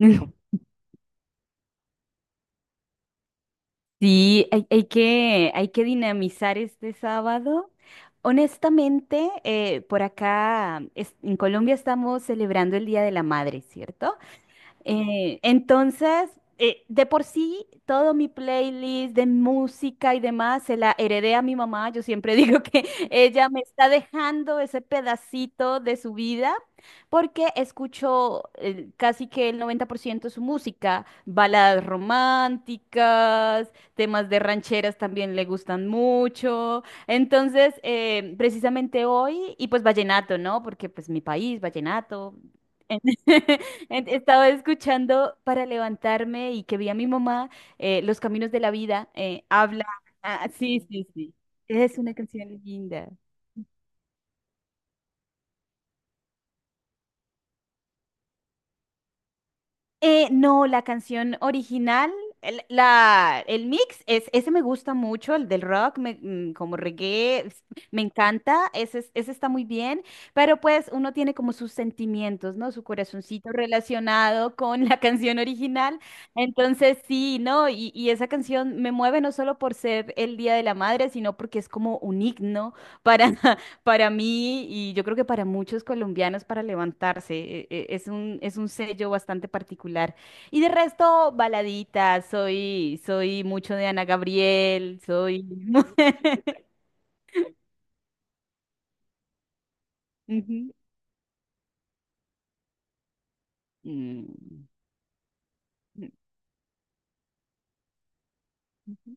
Sí, hay que dinamizar este sábado. Honestamente, por acá en Colombia estamos celebrando el Día de la Madre, ¿cierto? Eh, entonces, de por sí, todo mi playlist de música y demás se la heredé a mi mamá. Yo siempre digo que ella me está dejando ese pedacito de su vida porque escucho casi que el 90% de su música, baladas románticas, temas de rancheras también le gustan mucho. Entonces, precisamente hoy, y pues vallenato, ¿no? Porque pues mi país, vallenato. Estaba escuchando para levantarme y que vi a mi mamá, Los Caminos de la Vida, habla. Ah, sí, sí, sí. Es una canción linda. No, la canción original, el mix, es, ese me gusta mucho, el del rock, como reggae, me encanta, ese, ese está muy bien, pero pues uno tiene como sus sentimientos, ¿no? Su corazoncito relacionado con la canción original. Entonces sí, ¿no? Y esa canción me mueve no solo por ser el Día de la Madre, sino porque es como un himno para, para mí, y yo creo que para muchos colombianos, para levantarse, es un sello bastante particular. Y de resto, baladitas, soy, soy mucho de Ana Gabriel, soy... Ujú. Mm. mm, mm.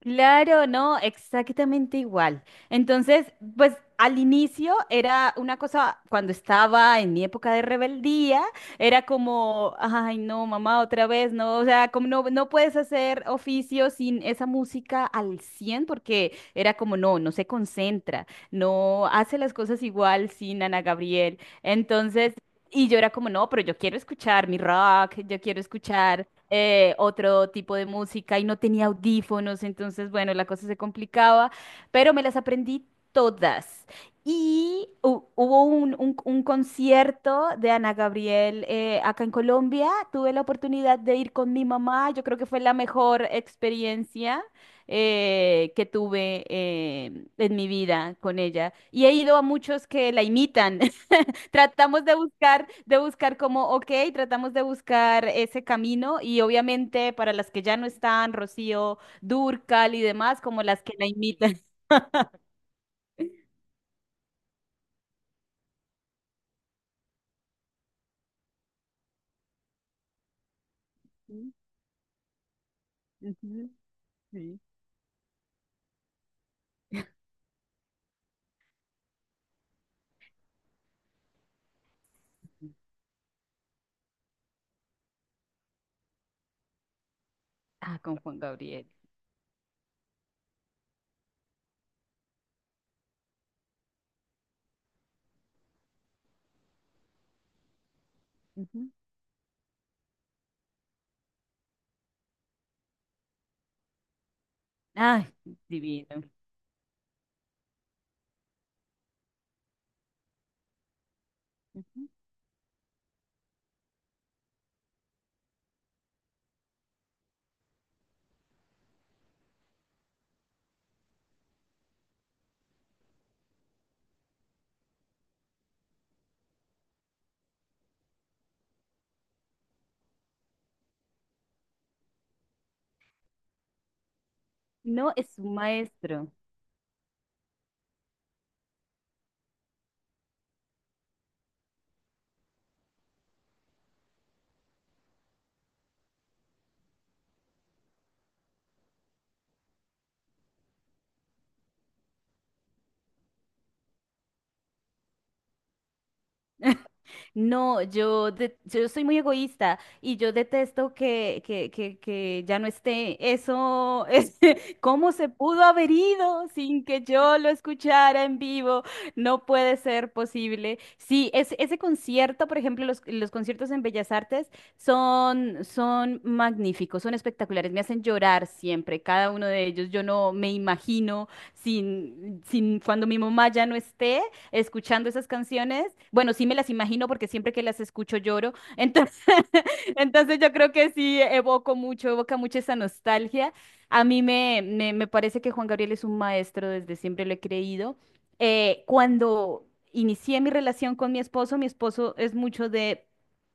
Claro, no, exactamente igual. Entonces, pues al inicio era una cosa, cuando estaba en mi época de rebeldía, era como, ay, no, mamá, otra vez, no, o sea, como no, no puedes hacer oficio sin esa música al 100, porque era como, no, no se concentra, no hace las cosas igual sin Ana Gabriel. Entonces... Y yo era como, no, pero yo quiero escuchar mi rock, yo quiero escuchar otro tipo de música y no tenía audífonos, entonces, bueno, la cosa se complicaba, pero me las aprendí todas. Y hubo un, un concierto de Ana Gabriel acá en Colombia, tuve la oportunidad de ir con mi mamá, yo creo que fue la mejor experiencia que tuve en mi vida con ella. Y he ido a muchos que la imitan. Tratamos de buscar como, ok, tratamos de buscar ese camino y obviamente para las que ya no están, Rocío Dúrcal y demás, como las que la imitan. Ujú, ujú, sí. Ah, con Juan Gabriel. Ujú. Ay, divino. Ujú. No, es un maestro. No, yo soy muy egoísta y yo detesto que, que ya no esté. Eso es, ¿cómo se pudo haber ido sin que yo lo escuchara en vivo? No puede ser posible. Sí, es, ese concierto, por ejemplo, los conciertos en Bellas Artes son, son magníficos, son espectaculares, me hacen llorar siempre, cada uno de ellos. Yo no me imagino sin, sin cuando mi mamá ya no esté escuchando esas canciones. Bueno, sí me las imagino porque siempre que las escucho lloro. Entonces, entonces yo creo que sí evoco mucho, evoca mucho esa nostalgia. A mí me parece que Juan Gabriel es un maestro, desde siempre lo he creído. Cuando inicié mi relación con mi esposo es mucho de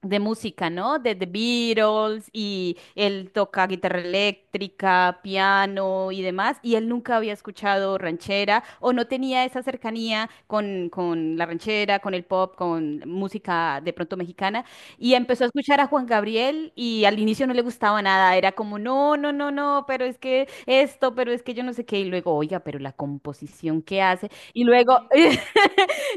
música, ¿no? De The Beatles, y él toca guitarra eléctrica, piano y demás, y él nunca había escuchado ranchera o no tenía esa cercanía con la ranchera, con el pop, con música de pronto mexicana, y empezó a escuchar a Juan Gabriel y al inicio no le gustaba nada, era como, no, no, no, no, pero es que esto, pero es que yo no sé qué, y luego, oiga, pero la composición que hace, y luego...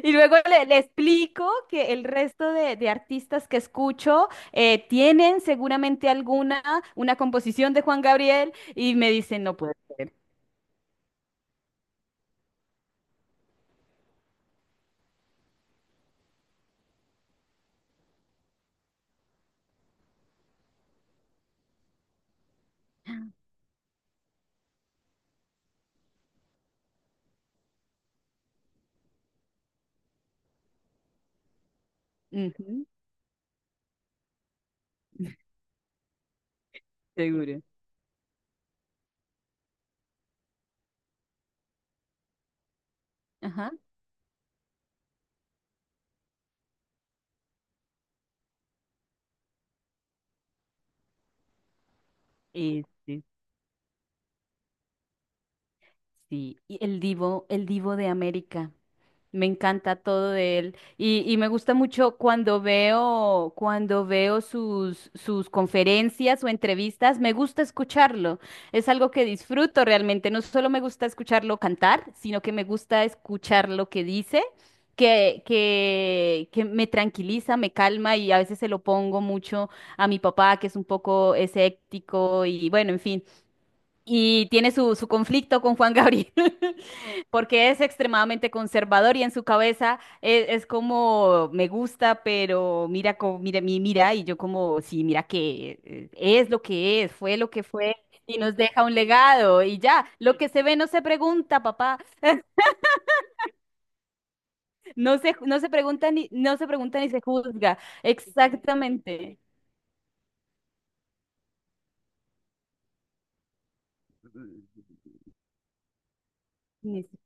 Y luego le, le explico que el resto de artistas que escucho tienen seguramente alguna, una composición de Juan Gabriel y me dicen, no puede ser. Ujú, seguro. Ajá. Este, sí. Y el divo de América. Me encanta todo de él y me gusta mucho cuando veo sus, sus conferencias o entrevistas, me gusta escucharlo. Es algo que disfruto realmente. No solo me gusta escucharlo cantar, sino que me gusta escuchar lo que dice, que me tranquiliza, me calma y a veces se lo pongo mucho a mi papá, que es un poco escéptico y bueno, en fin. Y tiene su, su conflicto con Juan Gabriel, porque es extremadamente conservador y en su cabeza es, como me gusta, pero mira, mira, mira, y yo como, sí, mira que es lo que es, fue lo que fue y nos deja un legado y ya, lo que se ve no se pregunta, papá, no se pregunta ni, no se pregunta ni se juzga, exactamente. Ni se-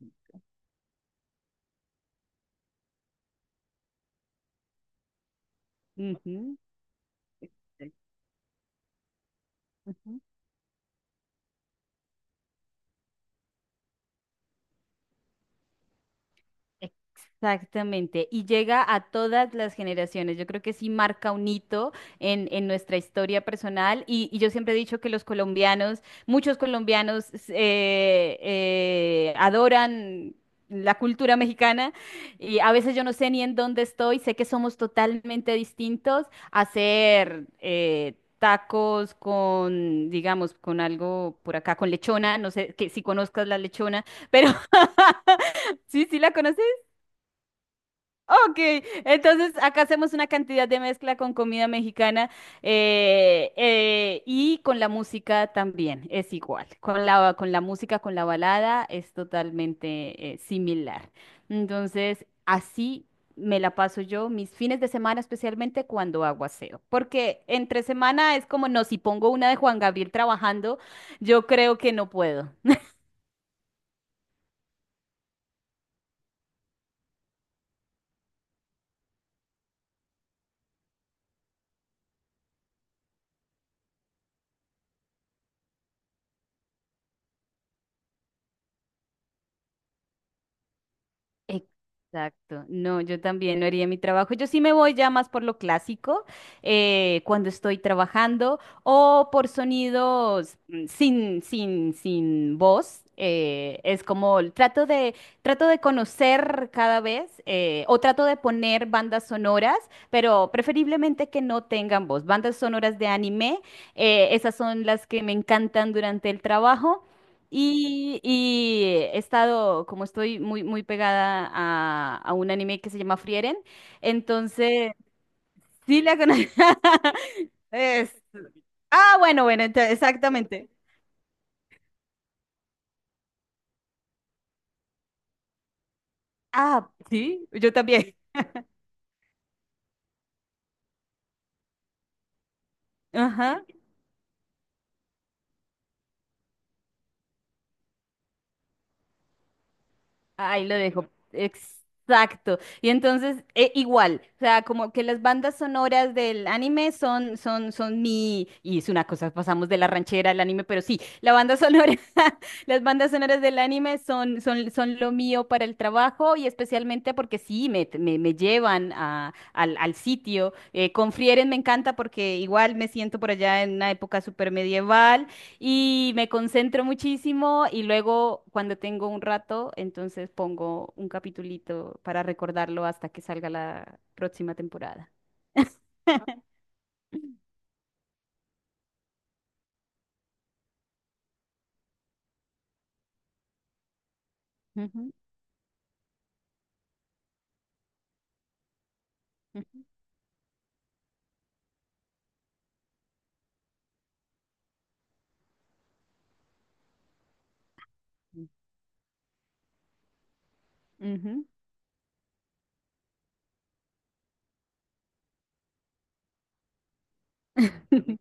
Ujú. Exacto. Exactamente, y llega a todas las generaciones. Yo creo que sí marca un hito en nuestra historia personal y yo siempre he dicho que los colombianos, muchos colombianos adoran la cultura mexicana y a veces yo no sé ni en dónde estoy, sé que somos totalmente distintos. Hacer tacos con, digamos, con algo por acá, con lechona, no sé que si conozcas la lechona, pero... Sí, sí la conoces. Ok, entonces acá hacemos una cantidad de mezcla con comida mexicana y con la música también es igual. Con la música, con la balada es totalmente similar. Entonces, así me la paso yo mis fines de semana, especialmente cuando hago aseo. Porque entre semana es como, no, si pongo una de Juan Gabriel trabajando, yo creo que no puedo. Exacto, no, yo también no haría mi trabajo. Yo sí me voy ya más por lo clásico, cuando estoy trabajando o por sonidos mm, sin, sin, sin voz. Es como trato de conocer cada vez o trato de poner bandas sonoras, pero preferiblemente que no tengan voz. Bandas sonoras de anime, esas son las que me encantan durante el trabajo. Y he estado, como estoy muy, muy pegada a un anime que se llama Frieren, entonces sí la conozco. Es- Ah, bueno, bueno, exactamente. Ah, sí, yo también. Ajá. Ahí lo dejo. Exacto. Y entonces, igual, o sea, como que las bandas sonoras del anime son, son, son mi, y es una cosa, pasamos de la ranchera al anime, pero sí, la banda sonora, las bandas sonoras del anime son, son, son lo mío para el trabajo y especialmente porque sí, me llevan a, al, al sitio. Con Frieren me encanta porque igual me siento por allá en una época súper medieval y me concentro muchísimo y luego cuando tengo un rato, entonces pongo un capitulito para recordarlo hasta que salga la próxima temporada. Ujú, ujú, ujú.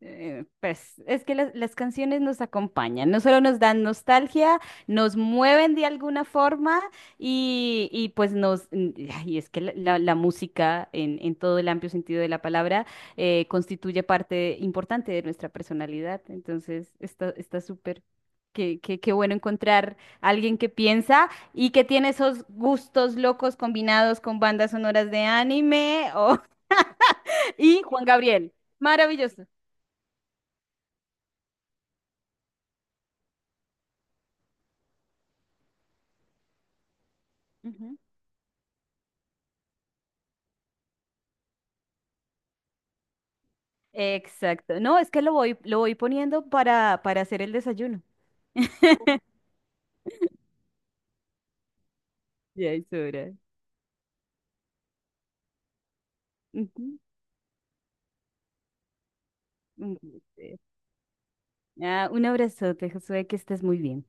Pues es que las canciones nos acompañan, no solo nos dan nostalgia, nos mueven de alguna forma y pues nos, y es que la, la música en todo el amplio sentido de la palabra constituye parte importante de nuestra personalidad, entonces está, está súper. Qué bueno encontrar a alguien que piensa y que tiene esos gustos locos combinados con bandas sonoras de anime o- y Juan Gabriel. Maravilloso. Exacto. No, es que lo voy poniendo para hacer el desayuno. Ya es hora. Ujú, ujú, sí. Ah, un abrazote, Josué, que estés muy bien.